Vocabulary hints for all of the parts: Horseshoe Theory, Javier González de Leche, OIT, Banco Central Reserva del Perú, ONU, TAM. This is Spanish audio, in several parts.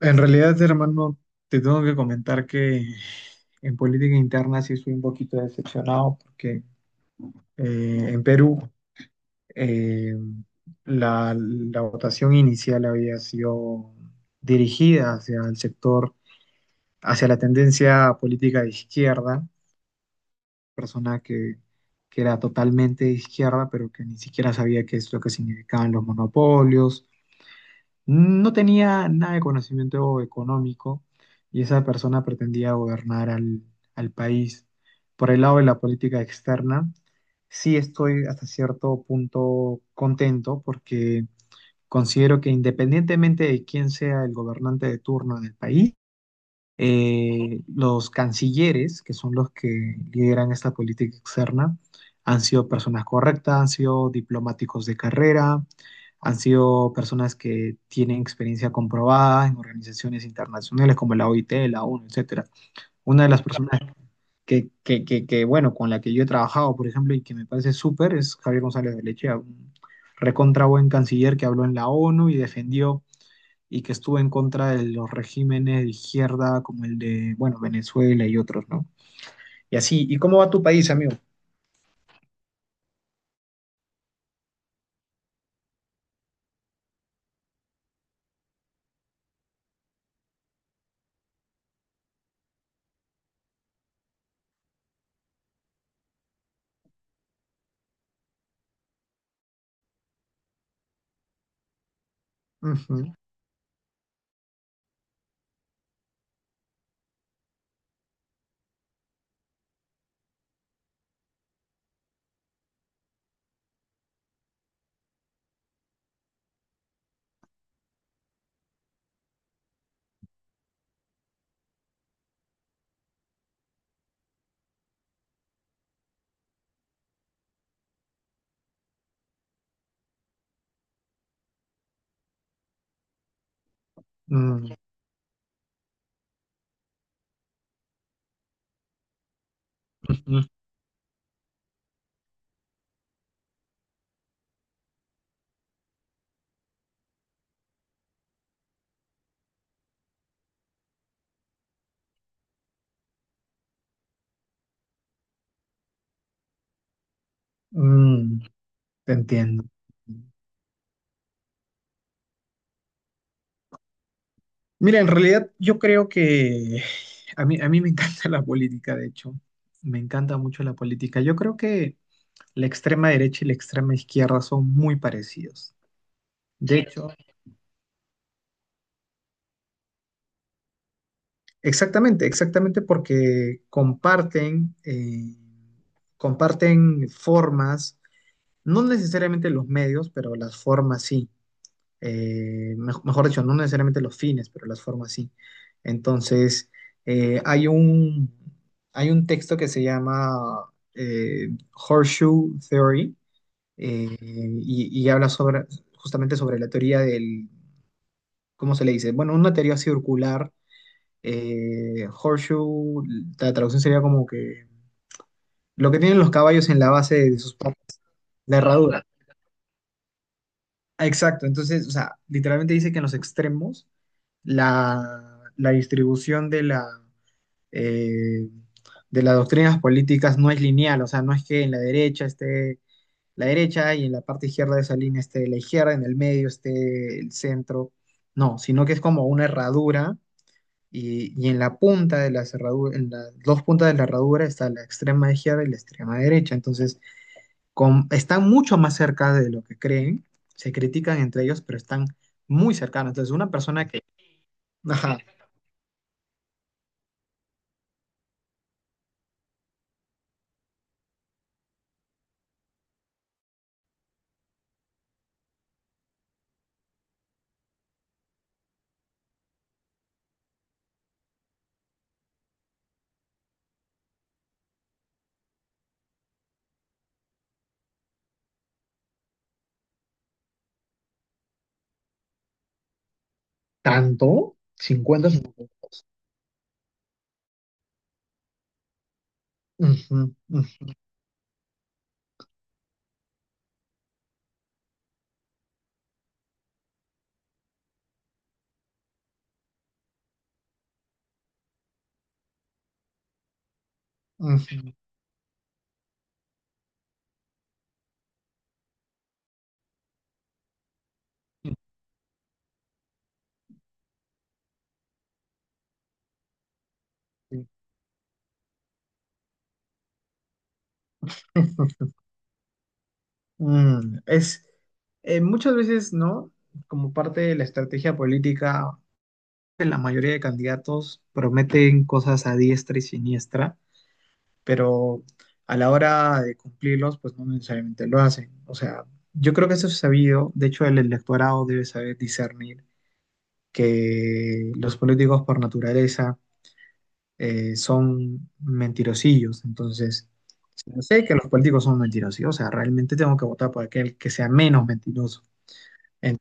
En realidad, hermano, te tengo que comentar que en política interna sí estoy un poquito decepcionado porque en Perú eh, la votación inicial había sido dirigida hacia el sector, hacia la tendencia política de izquierda, persona que era totalmente de izquierda, pero que ni siquiera sabía qué es lo que significaban los monopolios. No tenía nada de conocimiento económico y esa persona pretendía gobernar al país. Por el lado de la política externa, sí estoy hasta cierto punto contento porque considero que independientemente de quién sea el gobernante de turno en el país, los cancilleres, que son los que lideran esta política externa, han sido personas correctas, han sido diplomáticos de carrera, han sido personas que tienen experiencia comprobada en organizaciones internacionales como la OIT, la ONU, etcétera. Una de las personas bueno, con la que yo he trabajado, por ejemplo, y que me parece súper es Javier González de Leche, un recontra buen canciller que habló en la ONU y defendió y que estuvo en contra de los regímenes de izquierda como el de, bueno, Venezuela y otros, ¿no? Y así, ¿y cómo va tu país, amigo? Ujú. Mm. Ujú. Mm. Te entiendo. Mira, en realidad yo creo que a mí me encanta la política, de hecho, me encanta mucho la política. Yo creo que la extrema derecha y la extrema izquierda son muy parecidos. De hecho, exactamente, exactamente porque comparten formas. No necesariamente los medios, pero las formas sí. Mejor dicho, no necesariamente los fines, pero las formas sí. Entonces, eh, hay un, hay un texto que se llama eh, Horseshoe Theory, y habla sobre, justamente sobre la teoría del, ¿cómo se le dice? Bueno, una teoría circular. Horseshoe, la traducción sería como que lo que tienen los caballos en la base de sus patas, la herradura. Ah, exacto, entonces, o sea, literalmente dice que en los extremos la distribución de la, eh, de las doctrinas políticas no es lineal, o sea, no es que en la derecha esté la derecha y en la parte izquierda de esa línea esté la izquierda, en el medio esté el centro, no, sino que es como una herradura y en la punta de la cerradura, en las dos puntas de la herradura está la extrema izquierda y la extrema derecha. Entonces, están mucho más cerca de lo que creen, se critican entre ellos, pero están muy cercanos. Entonces, una persona que, ajá, tanto, cincuenta 50. Ujú, ujú, ujú, ujú. Mm, es muchas veces, ¿no? Como parte de la estrategia política, la mayoría de candidatos prometen cosas a diestra y siniestra, pero a la hora de cumplirlos, pues no necesariamente lo hacen. O sea, yo creo que eso es sabido. De hecho, el electorado debe saber discernir que los políticos por naturaleza son mentirosillos. Entonces, si yo sé que los políticos son mentirosillos, o sea, realmente tengo que votar por aquel que sea menos mentiroso. En-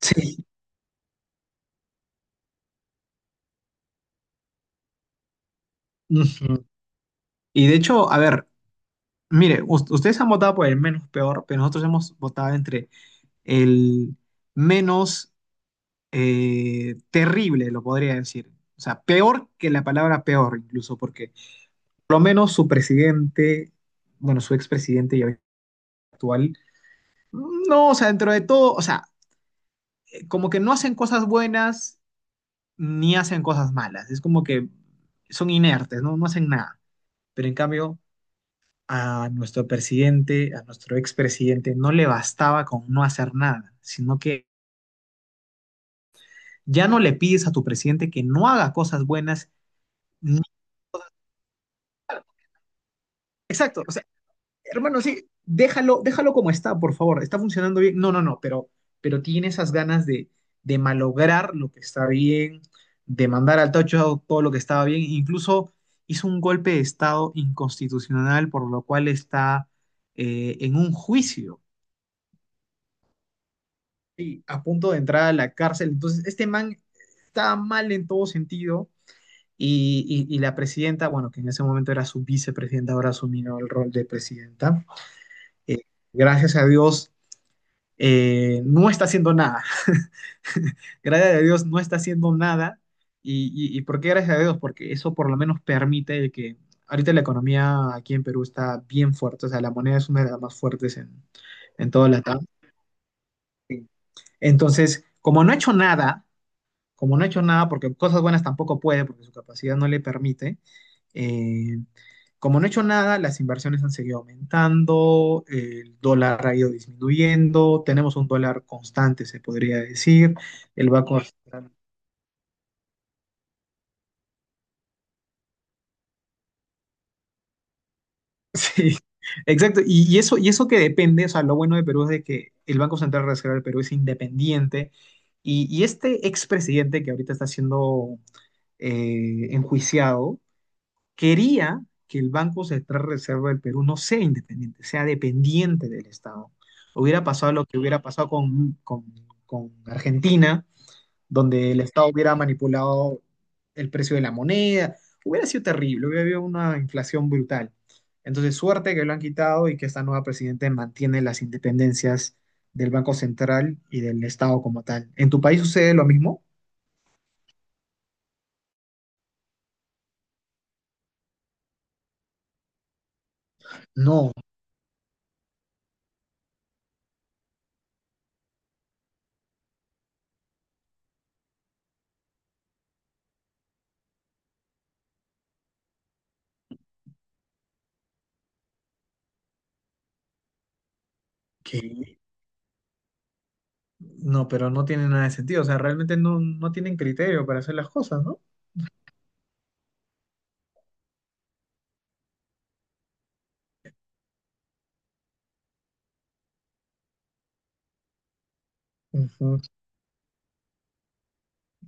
sí. Ujú. Y de hecho, a ver, mire, ustedes han votado por el menos peor, pero nosotros hemos votado entre el menos terrible, lo podría decir. O sea, peor que la palabra peor, incluso, porque por lo menos su presidente, bueno, su expresidente y actual, no, o sea, dentro de todo, o sea, como que no hacen cosas buenas ni hacen cosas malas. Es como que son inertes, ¿no? No hacen nada. Pero en cambio, a nuestro presidente, a nuestro expresidente, no le bastaba con no hacer nada, sino que ya no le pides a tu presidente que no haga cosas buenas. ni- Exacto, o sea, hermano, sí, déjalo, déjalo como está, por favor, está funcionando bien. No, no, no, pero tiene esas ganas de malograr lo que está bien, de mandar al tocho todo lo que estaba bien, incluso hizo un golpe de estado inconstitucional, por lo cual está en un juicio y a punto de entrar a la cárcel. Entonces, este man está mal en todo sentido. Y la presidenta, bueno, que en ese momento era su vicepresidenta, ahora asumió el rol de presidenta. eh, Gracias a Dios, no está haciendo nada. Gracias a Dios no está haciendo nada. Y, y por qué gracias a Dios? Porque eso por lo menos permite el que ahorita la economía aquí en Perú está bien fuerte, o sea, la moneda es una de las más fuertes en toda la TAM. Entonces, como no ha hecho nada, como no ha hecho nada, porque cosas buenas tampoco puede, porque su capacidad no le permite, eh, como no ha hecho nada, las inversiones han seguido aumentando, el dólar ha ido disminuyendo, tenemos un dólar constante, se podría decir, el Banco Central- Sí, exacto, y eso que depende, o sea, lo bueno de Perú es de que el Banco Central Reserva del Perú es independiente, y este expresidente que ahorita está siendo enjuiciado, quería que el Banco Central Reserva del Perú no sea independiente, sea dependiente del Estado. Hubiera pasado lo que hubiera pasado con, con Argentina, donde el Estado hubiera manipulado el precio de la moneda. Hubiera sido terrible, hubiera habido una inflación brutal. Entonces, suerte que lo han quitado y que esta nueva presidenta mantiene las independencias del Banco Central y del Estado como tal. ¿En tu país sucede lo mismo? No, que No, pero no tiene nada de sentido. O sea, realmente no, no tienen criterio para hacer las cosas, ¿no?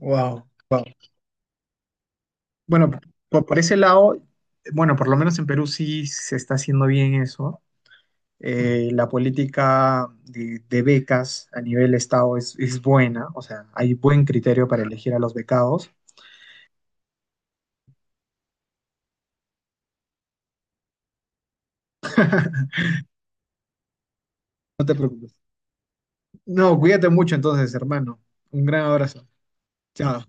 Wow, wow. Bueno, por ese lado, bueno, por lo menos en Perú sí se está haciendo bien eso. La política de becas a nivel Estado es buena, o sea, hay buen criterio para elegir a los becados. No te preocupes. No, cuídate mucho entonces, hermano. Un gran abrazo. Chao.